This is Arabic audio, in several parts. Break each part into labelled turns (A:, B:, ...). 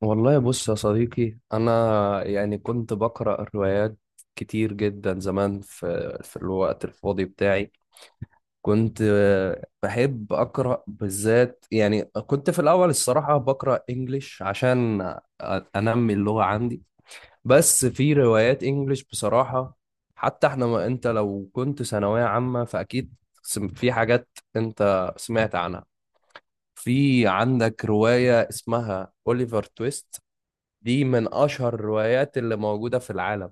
A: والله بص يا صديقي أنا، يعني كنت بقرأ روايات كتير جدا زمان في الوقت الفاضي بتاعي. كنت بحب أقرأ، بالذات يعني كنت في الأول، الصراحة بقرأ إنجليش عشان أنمي اللغة عندي. بس في روايات إنجليش بصراحة. حتى إحنا ما أنت لو كنت ثانوية عامة فأكيد في حاجات أنت سمعت عنها. في عندك رواية اسمها أوليفر تويست. دي من اشهر الروايات اللي موجوده في العالم.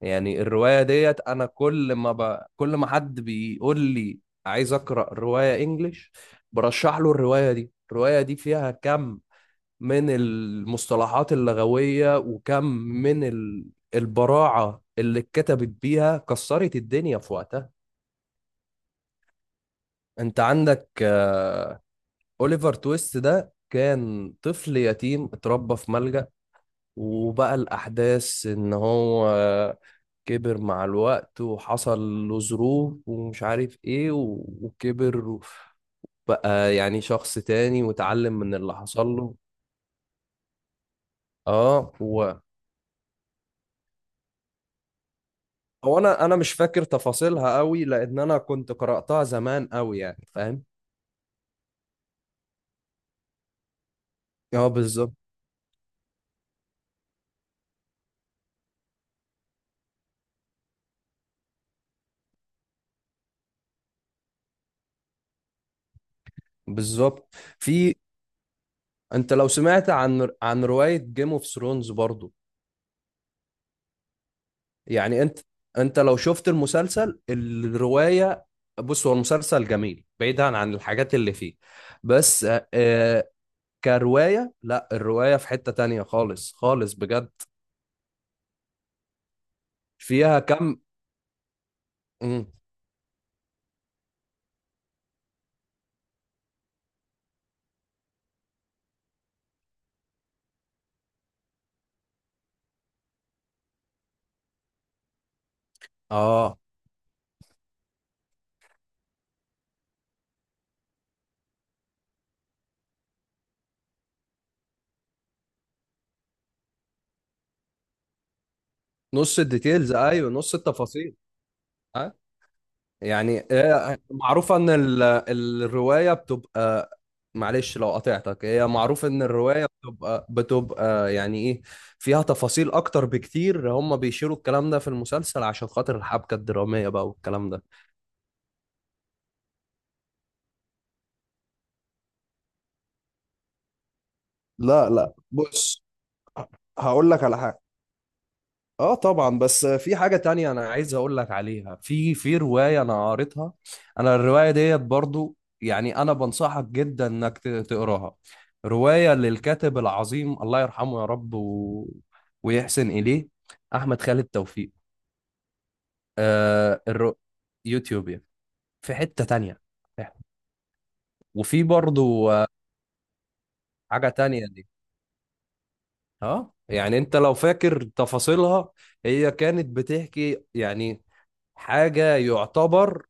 A: يعني الروايه ديت انا كل ما حد بيقول لي عايز اقرا روايه انجليش برشح له الروايه دي. الروايه دي فيها كم من المصطلحات اللغويه، وكم من البراعه اللي اتكتبت بيها، كسرت الدنيا في وقتها. انت عندك، اوليفر تويست ده كان طفل يتيم اتربى في ملجأ، وبقى الأحداث إن هو كبر مع الوقت وحصل له ظروف ومش عارف إيه وكبر، بقى يعني شخص تاني واتعلم من اللي حصل له. اه هو. هو انا مش فاكر تفاصيلها قوي، لان انا كنت قرأتها زمان قوي، يعني فاهم. اه بالظبط بالظبط. في، انت لو سمعت عن رواية جيم اوف ثرونز برضو. يعني انت لو شفت المسلسل الرواية. بص هو المسلسل جميل بعيدا عن الحاجات اللي فيه، بس كرواية لا، الرواية في حتة تانية خالص خالص بجد. فيها كم. مم. اه، نص الديتيلز، ايوه، نص التفاصيل. يعني هي معروفة ان الرواية بتبقى، معلش لو قطعتك، هي معروف ان الرواية بتبقى يعني ايه؟ فيها تفاصيل اكتر بكتير. هم بيشيروا الكلام ده في المسلسل عشان خاطر الحبكة الدرامية بقى، والكلام ده. لا لا، بص، هقول لك على حاجة. اه طبعا، بس في حاجة تانية انا عايز اقول لك عليها. في رواية انا قريتها، انا الرواية ديت برضو، يعني انا بنصحك جدا انك تقراها. رواية للكاتب العظيم، الله يرحمه يا رب ويحسن اليه، احمد خالد توفيق. آه الر... يوتيوب يعني. في حتة تانية، وفي برضو حاجة تانية دي. اه، يعني انت لو فاكر تفاصيلها، هي كانت بتحكي يعني حاجة يعتبر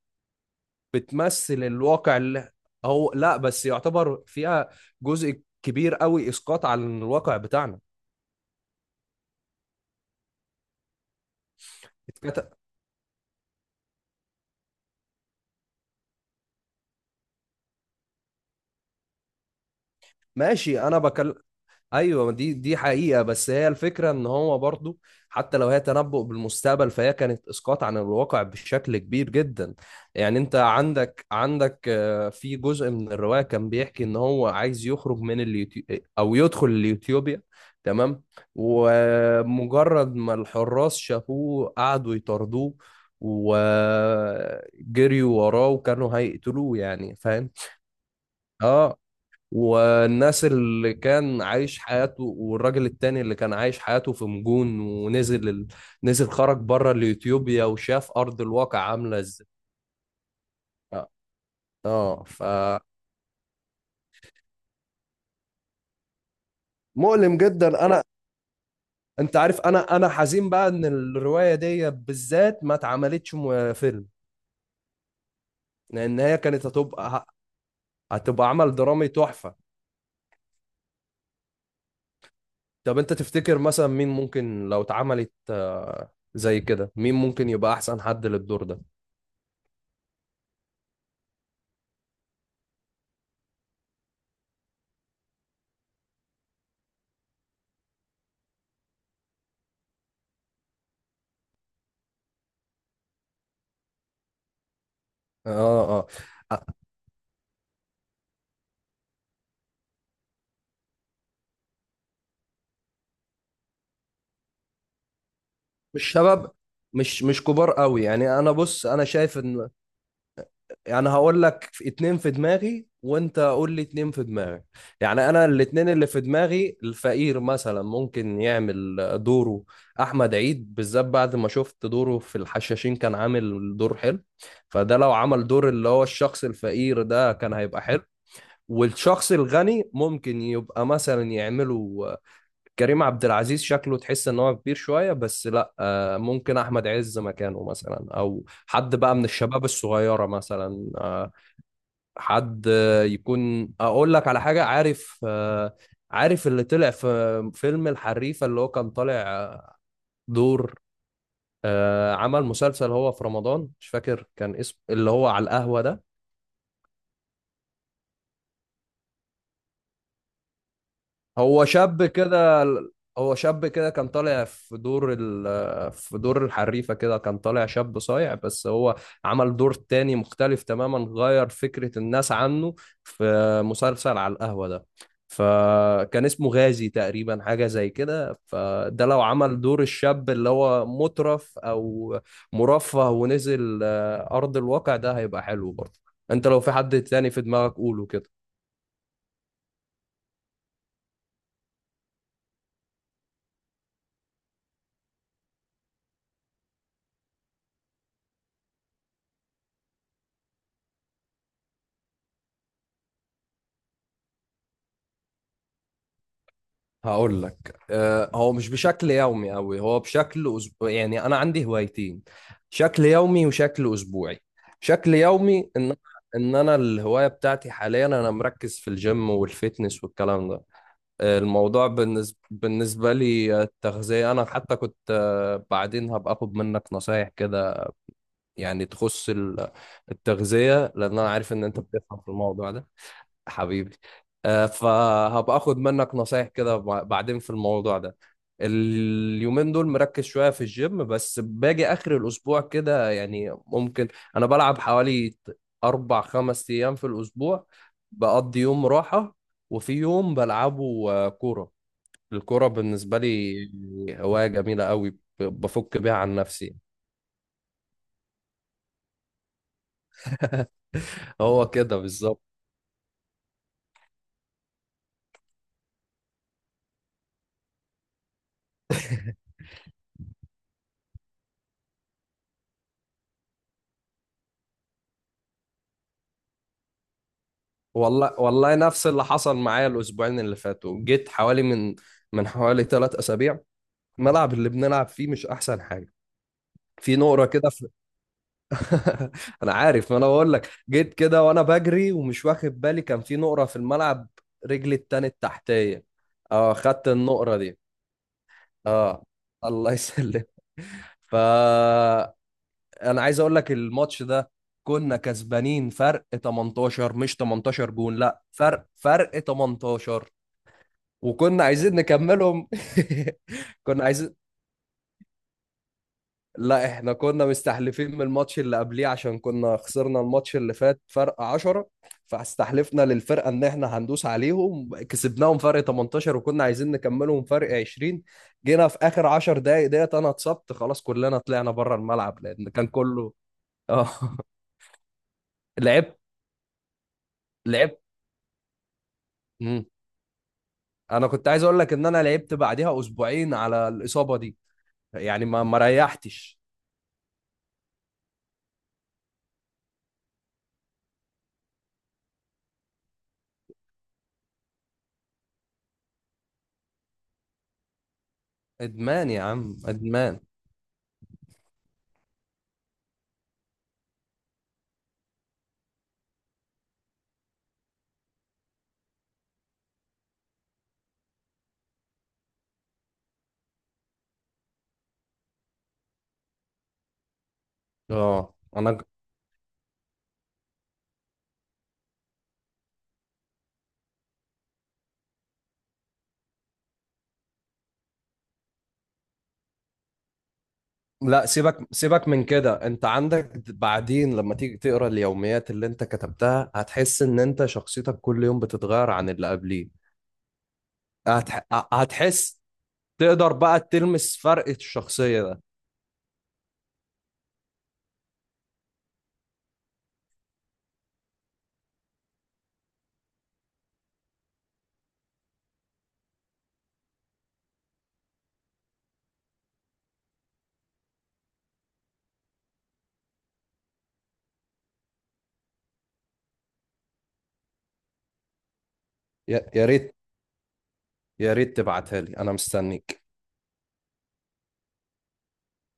A: بتمثل الواقع اللي هو، لا بس يعتبر فيها جزء كبير قوي اسقاط على الواقع بتاعنا. اتكت- ماشي، انا بكلم. ايوه ما دي حقيقه، بس هي الفكره ان هو برضو حتى لو هي تنبؤ بالمستقبل، فهي كانت اسقاط عن الواقع بشكل كبير جدا. يعني انت عندك في جزء من الروايه كان بيحكي ان هو عايز يخرج من اليوتيوب او يدخل اليوتيوبيا، تمام. ومجرد ما الحراس شافوه قعدوا يطاردوه، وجريوا وراه وكانوا هيقتلوه، يعني فاهم. اه والناس اللي كان عايش حياته والراجل التاني اللي كان عايش حياته في مجون، ونزل نزل، خرج بره اليوتيوبيا وشاف ارض الواقع عامله ازاي. اه. آه، فمؤلم جدا انا. انت عارف انا حزين بقى ان الروايه دي بالذات ما اتعملتش فيلم، لان هي كانت هتبقى هتبقى عمل درامي تحفه. طب انت تفتكر مثلا مين ممكن لو اتعملت زي كده، مين ممكن يبقى احسن حد للدور ده؟ اه اه، مش شباب، مش كبار قوي، يعني انا بص انا شايف ان، يعني هقول لك في اتنين في دماغي وانت قول لي اتنين في دماغك. يعني انا الاتنين اللي في دماغي، الفقير مثلا ممكن يعمل دوره احمد عيد، بالذات بعد ما شفت دوره في الحشاشين كان عامل دور حلو. فده لو عمل دور اللي هو الشخص الفقير ده كان هيبقى حلو. والشخص الغني ممكن يبقى مثلا يعمله كريم عبد العزيز، شكله تحس ان هو كبير شويه، بس لا، ممكن احمد عز مكانه مثلا، او حد بقى من الشباب الصغيره مثلا، حد يكون، اقول لك على حاجه، عارف، عارف اللي طلع في فيلم الحريفه، اللي هو كان طالع دور، عمل مسلسل هو في رمضان مش فاكر كان اسمه، اللي هو على القهوه ده. هو شاب كده. كان طالع في دور في دور الحريفة كده، كان طالع شاب صايع، بس هو عمل دور تاني مختلف تماما، غير فكرة الناس عنه، في مسلسل على القهوة ده. فكان اسمه غازي تقريبا، حاجة زي كده. فده لو عمل دور الشاب اللي هو مترف أو مرفه ونزل أرض الواقع، ده هيبقى حلو برضه. انت لو في حد تاني في دماغك قوله كده. هقول لك، هو مش بشكل يومي قوي، هو بشكل أسبوع. يعني انا عندي هوايتين، شكل يومي وشكل اسبوعي. شكل يومي ان انا الهوايه بتاعتي حاليا، انا مركز في الجيم والفيتنس والكلام ده. الموضوع بالنسبه لي، التغذيه. انا حتى كنت، بعدين هبقى اخد منك نصايح كده، يعني تخص التغذيه، لان انا عارف ان انت بتفهم في الموضوع ده. حبيبي، فهبقى اخد منك نصايح كده بعدين في الموضوع ده. اليومين دول مركز شوية في الجيم، بس باجي آخر الأسبوع كده يعني ممكن أنا بلعب حوالي أربع خمس أيام في الأسبوع، بقضي يوم راحة، وفي يوم بلعبه كورة. الكورة بالنسبة لي هواية جميلة قوي، بفك بيها عن نفسي. هو كده بالظبط. والله والله، نفس اللي حصل معايا الاسبوعين اللي فاتوا. جيت حوالي من حوالي 3 اسابيع، الملعب اللي بنلعب فيه مش احسن حاجه، في نقره كده انا عارف، ما انا بقول لك، جيت كده وانا بجري ومش واخد بالي، كان في نقره في الملعب، رجلي التاني التحتيه. اه خدت النقره دي. اه الله يسلم. فانا عايز اقول لك الماتش ده كنا كسبانين فرق 18، مش 18 جون، لا فرق 18، وكنا عايزين نكملهم. كنا عايزين لا احنا كنا مستحلفين من الماتش اللي قبليه، عشان كنا خسرنا الماتش اللي فات فرق 10. فاستحلفنا للفرقة ان احنا هندوس عليهم، كسبناهم فرق 18، وكنا عايزين نكملهم فرق 20. جينا في اخر 10 دقايق ديت انا اتصبت خلاص، كلنا طلعنا بره الملعب لان كان كله. اه. لعبت لعبت. مم. انا كنت عايز اقول لك ان انا لعبت بعديها اسبوعين على الاصابة دي، يعني ما ريحتش. ادمان يا عم، ادمان. اه، لا، سيبك سيبك من كده. انت عندك بعدين لما تيجي تقرا اليوميات اللي انت كتبتها، هتحس ان انت شخصيتك كل يوم بتتغير عن اللي قبليه. هتح... هتحس تقدر بقى تلمس فرق الشخصية ده. يا ريت، يا ريت تبعتها لي، انا مستنيك.